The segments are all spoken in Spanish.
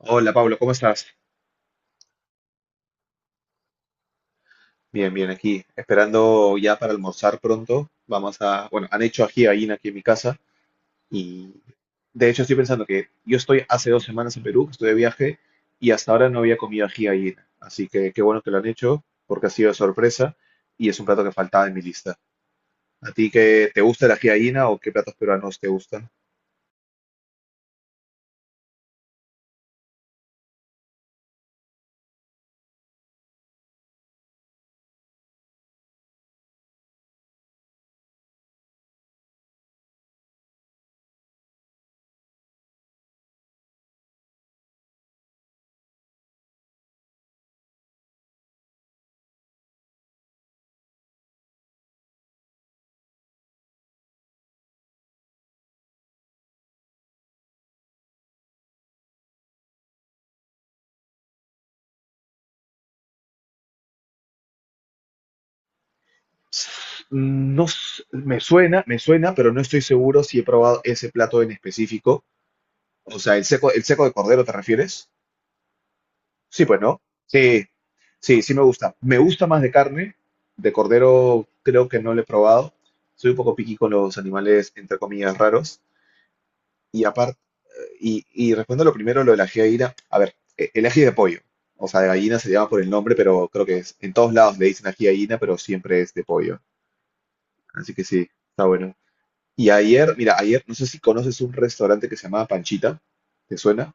Hola Pablo, ¿cómo estás? Bien, aquí, esperando ya para almorzar pronto. Vamos a, bueno, han hecho ají de gallina aquí en mi casa y de hecho estoy pensando que yo estoy hace dos semanas en Perú, que estoy de viaje y hasta ahora no había comido ají de gallina. Así que qué bueno que lo han hecho porque ha sido de sorpresa y es un plato que faltaba en mi lista. ¿A ti qué te gusta el ají de gallina o qué platos peruanos te gustan? No, me suena, pero no estoy seguro si he probado ese plato en específico. O sea, el seco de cordero, ¿te refieres? Sí, pues no. Sí, sí me gusta. Me gusta más de carne. De cordero creo que no lo he probado. Soy un poco piqui con los animales, entre comillas, raros. Y aparte, y respondo lo primero, lo del ají de gallina. A ver, el ají de pollo. O sea, de gallina se llama por el nombre, pero creo que es, en todos lados le dicen ají de gallina, pero siempre es de pollo. Así que sí, está bueno. Y ayer, mira, ayer, no sé si conoces un restaurante que se llamaba Panchita. ¿Te suena?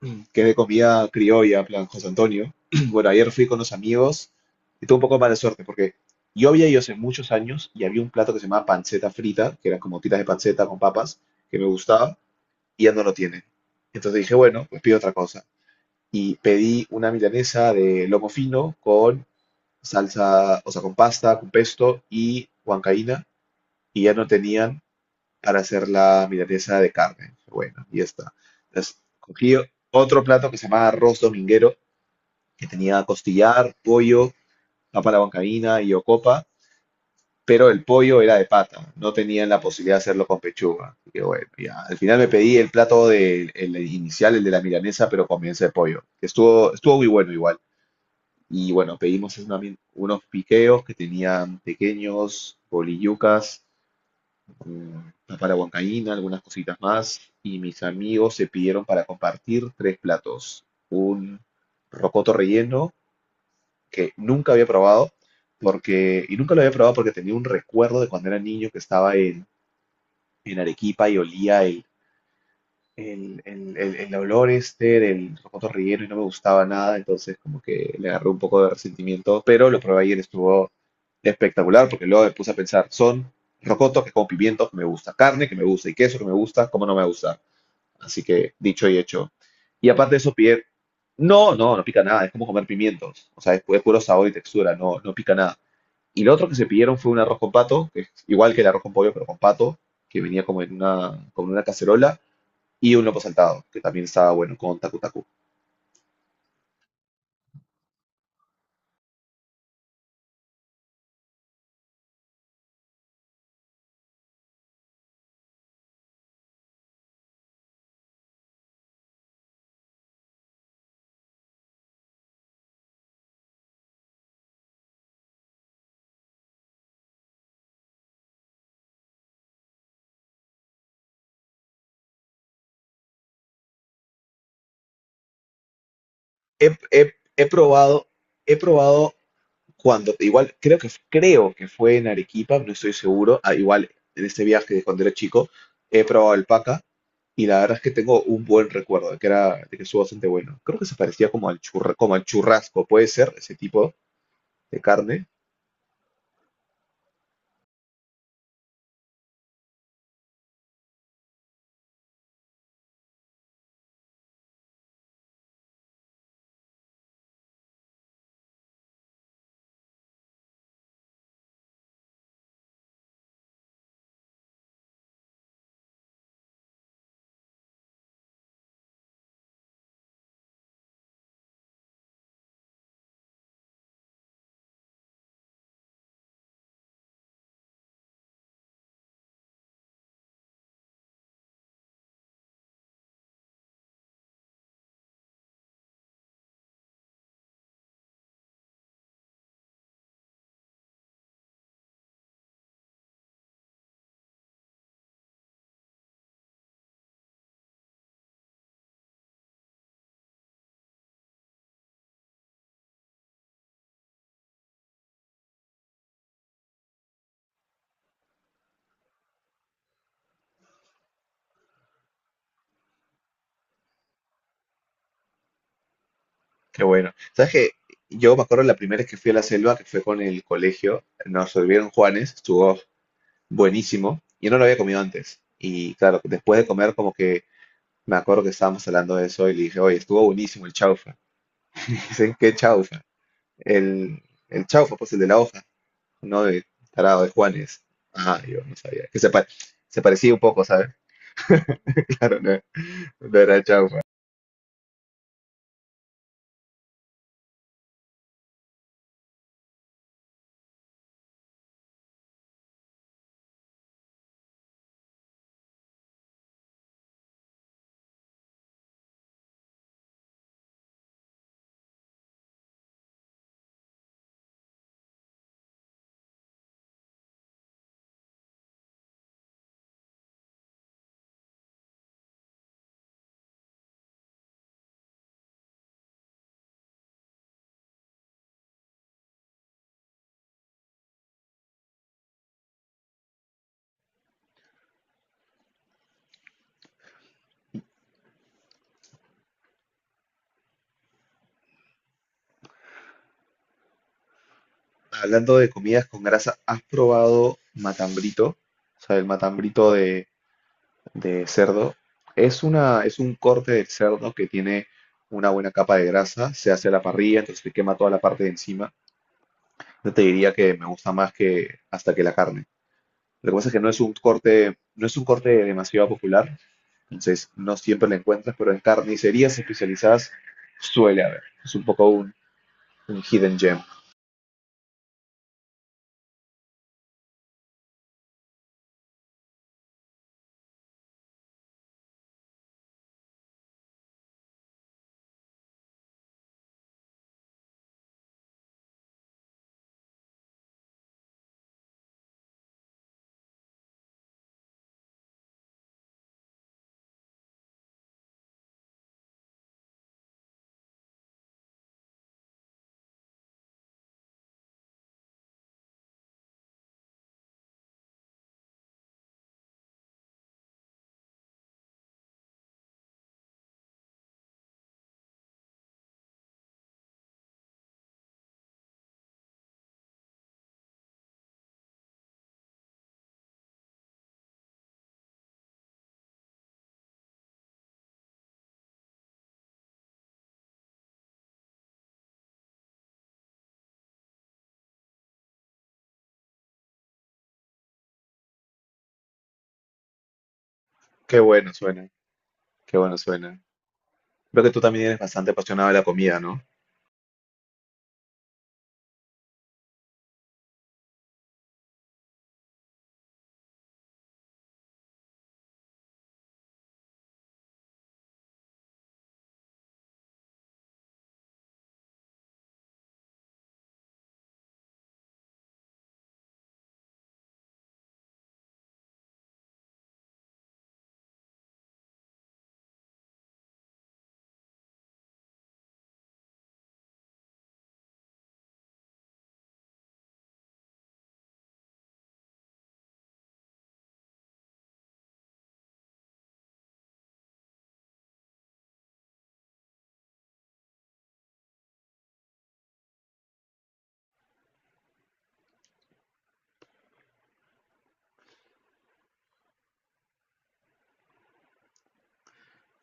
Mm, que es de comida criolla, en plan José Antonio. Bueno, ayer fui con los amigos y tuve un poco de mala suerte porque yo había ido hace muchos años y había un plato que se llamaba panceta frita, que era como tiras de panceta con papas, que me gustaba y ya no lo tienen. Entonces dije, bueno, pues pido otra cosa. Y pedí una milanesa de lomo fino con salsa, o sea, con pasta, con pesto y huancaína y ya no tenían para hacer la milanesa de carne. Bueno, y ya está. Entonces, cogí otro plato que se llama arroz dominguero, que tenía costillar, pollo, papa a la bancaína y ocopa, pero el pollo era de pata, no tenían la posibilidad de hacerlo con pechuga. Así que bueno, ya. Al final me pedí el plato de, el inicial, el de la milanesa, pero con milanesa de pollo, que estuvo muy bueno igual. Y bueno, pedimos es unos piqueos que tenían pequeños, bolillucas, mm, papa a la huancaína, algunas cositas más, y mis amigos se pidieron para compartir tres platos. Un rocoto relleno que nunca había probado, porque, y nunca lo había probado porque tenía un recuerdo de cuando era niño que estaba en Arequipa y olía el olor este del cotorrillero y no me gustaba nada, entonces como que le agarré un poco de resentimiento, pero lo probé ayer, estuvo espectacular, porque luego me puse a pensar, son rocotos que con pimientos que me gusta, carne que me gusta y queso que me gusta, ¿cómo no me gusta? Así que dicho y hecho. Y aparte de eso, pide, no, no, no pica nada, es como comer pimientos, o sea, es, es puro sabor y textura, no, no pica nada. Y lo otro que se pidieron fue un arroz con pato, que es igual que el arroz con pollo, pero con pato, que venía como en una cacerola y un loco saltado, que también estaba bueno con Taku Taku. He, he- he probado, he probado cuando, igual creo que fue en Arequipa, no estoy seguro, ah, igual en este viaje de cuando era chico, he probado alpaca y la verdad es que tengo un buen recuerdo de que era, de que estuvo bastante bueno. Creo que se parecía como al como al churrasco, puede ser ese tipo de carne. Qué bueno. ¿Sabes que yo me acuerdo la primera vez que fui a la selva, que fue con el colegio, nos volvieron Juanes, estuvo buenísimo? Yo no lo había comido antes. Y claro, después de comer, como que me acuerdo que estábamos hablando de eso y le dije, oye, estuvo buenísimo el chaufa. Dicen, ¿qué chaufa? El, el chaufa, pues el de la hoja, no de tarado de Juanes. Ah, yo no sabía. Que se, se parecía un poco, ¿sabes? Claro, no, no era chaufa. Hablando de comidas con grasa, ¿has probado matambrito? O sea, el matambrito de cerdo. Es una, es un corte del cerdo que tiene una buena capa de grasa, se hace a la parrilla, entonces te quema toda la parte de encima. Yo te diría que me gusta más que hasta que la carne. Lo que pasa es que no es un corte, no es un corte demasiado popular, entonces no siempre lo encuentras, pero en carnicerías especializadas suele haber. Es un poco un hidden gem. Qué bueno suena, qué bueno suena. Veo que tú también eres bastante apasionado de la comida, ¿no?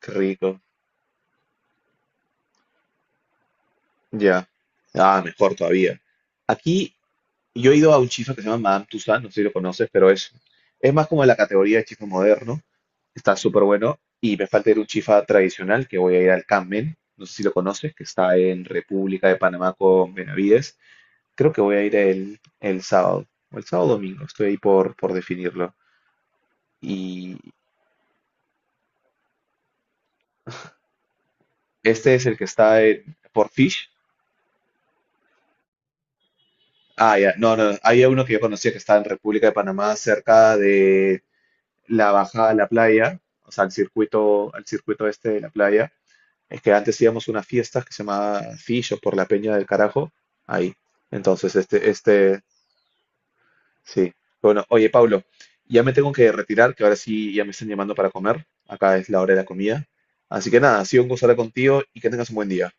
Qué rico. Ya. Ah, mejor todavía. Aquí yo he ido a un chifa que se llama Madame Tussauds, no sé si lo conoces, pero es más como de la categoría de chifa moderno. Está súper bueno. Y me falta ir a un chifa tradicional, que voy a ir al Carmen. No sé si lo conoces, que está en República de Panamá con Benavides. Creo que voy a ir el sábado, o el sábado domingo, estoy ahí por definirlo. Y este es el que está en, por Fish. Ah, ya, no, no, había uno que yo conocía que estaba en República de Panamá, cerca de la bajada a la playa, o sea, al circuito este de la playa, es que antes íbamos a unas fiestas que se llamaba Fillo por la Peña del Carajo, ahí. Entonces, sí. Bueno, oye, Pablo, ya me tengo que retirar, que ahora sí ya me están llamando para comer. Acá es la hora de la comida. Así que nada, ha sido un gusto hablar contigo y que tengas un buen día.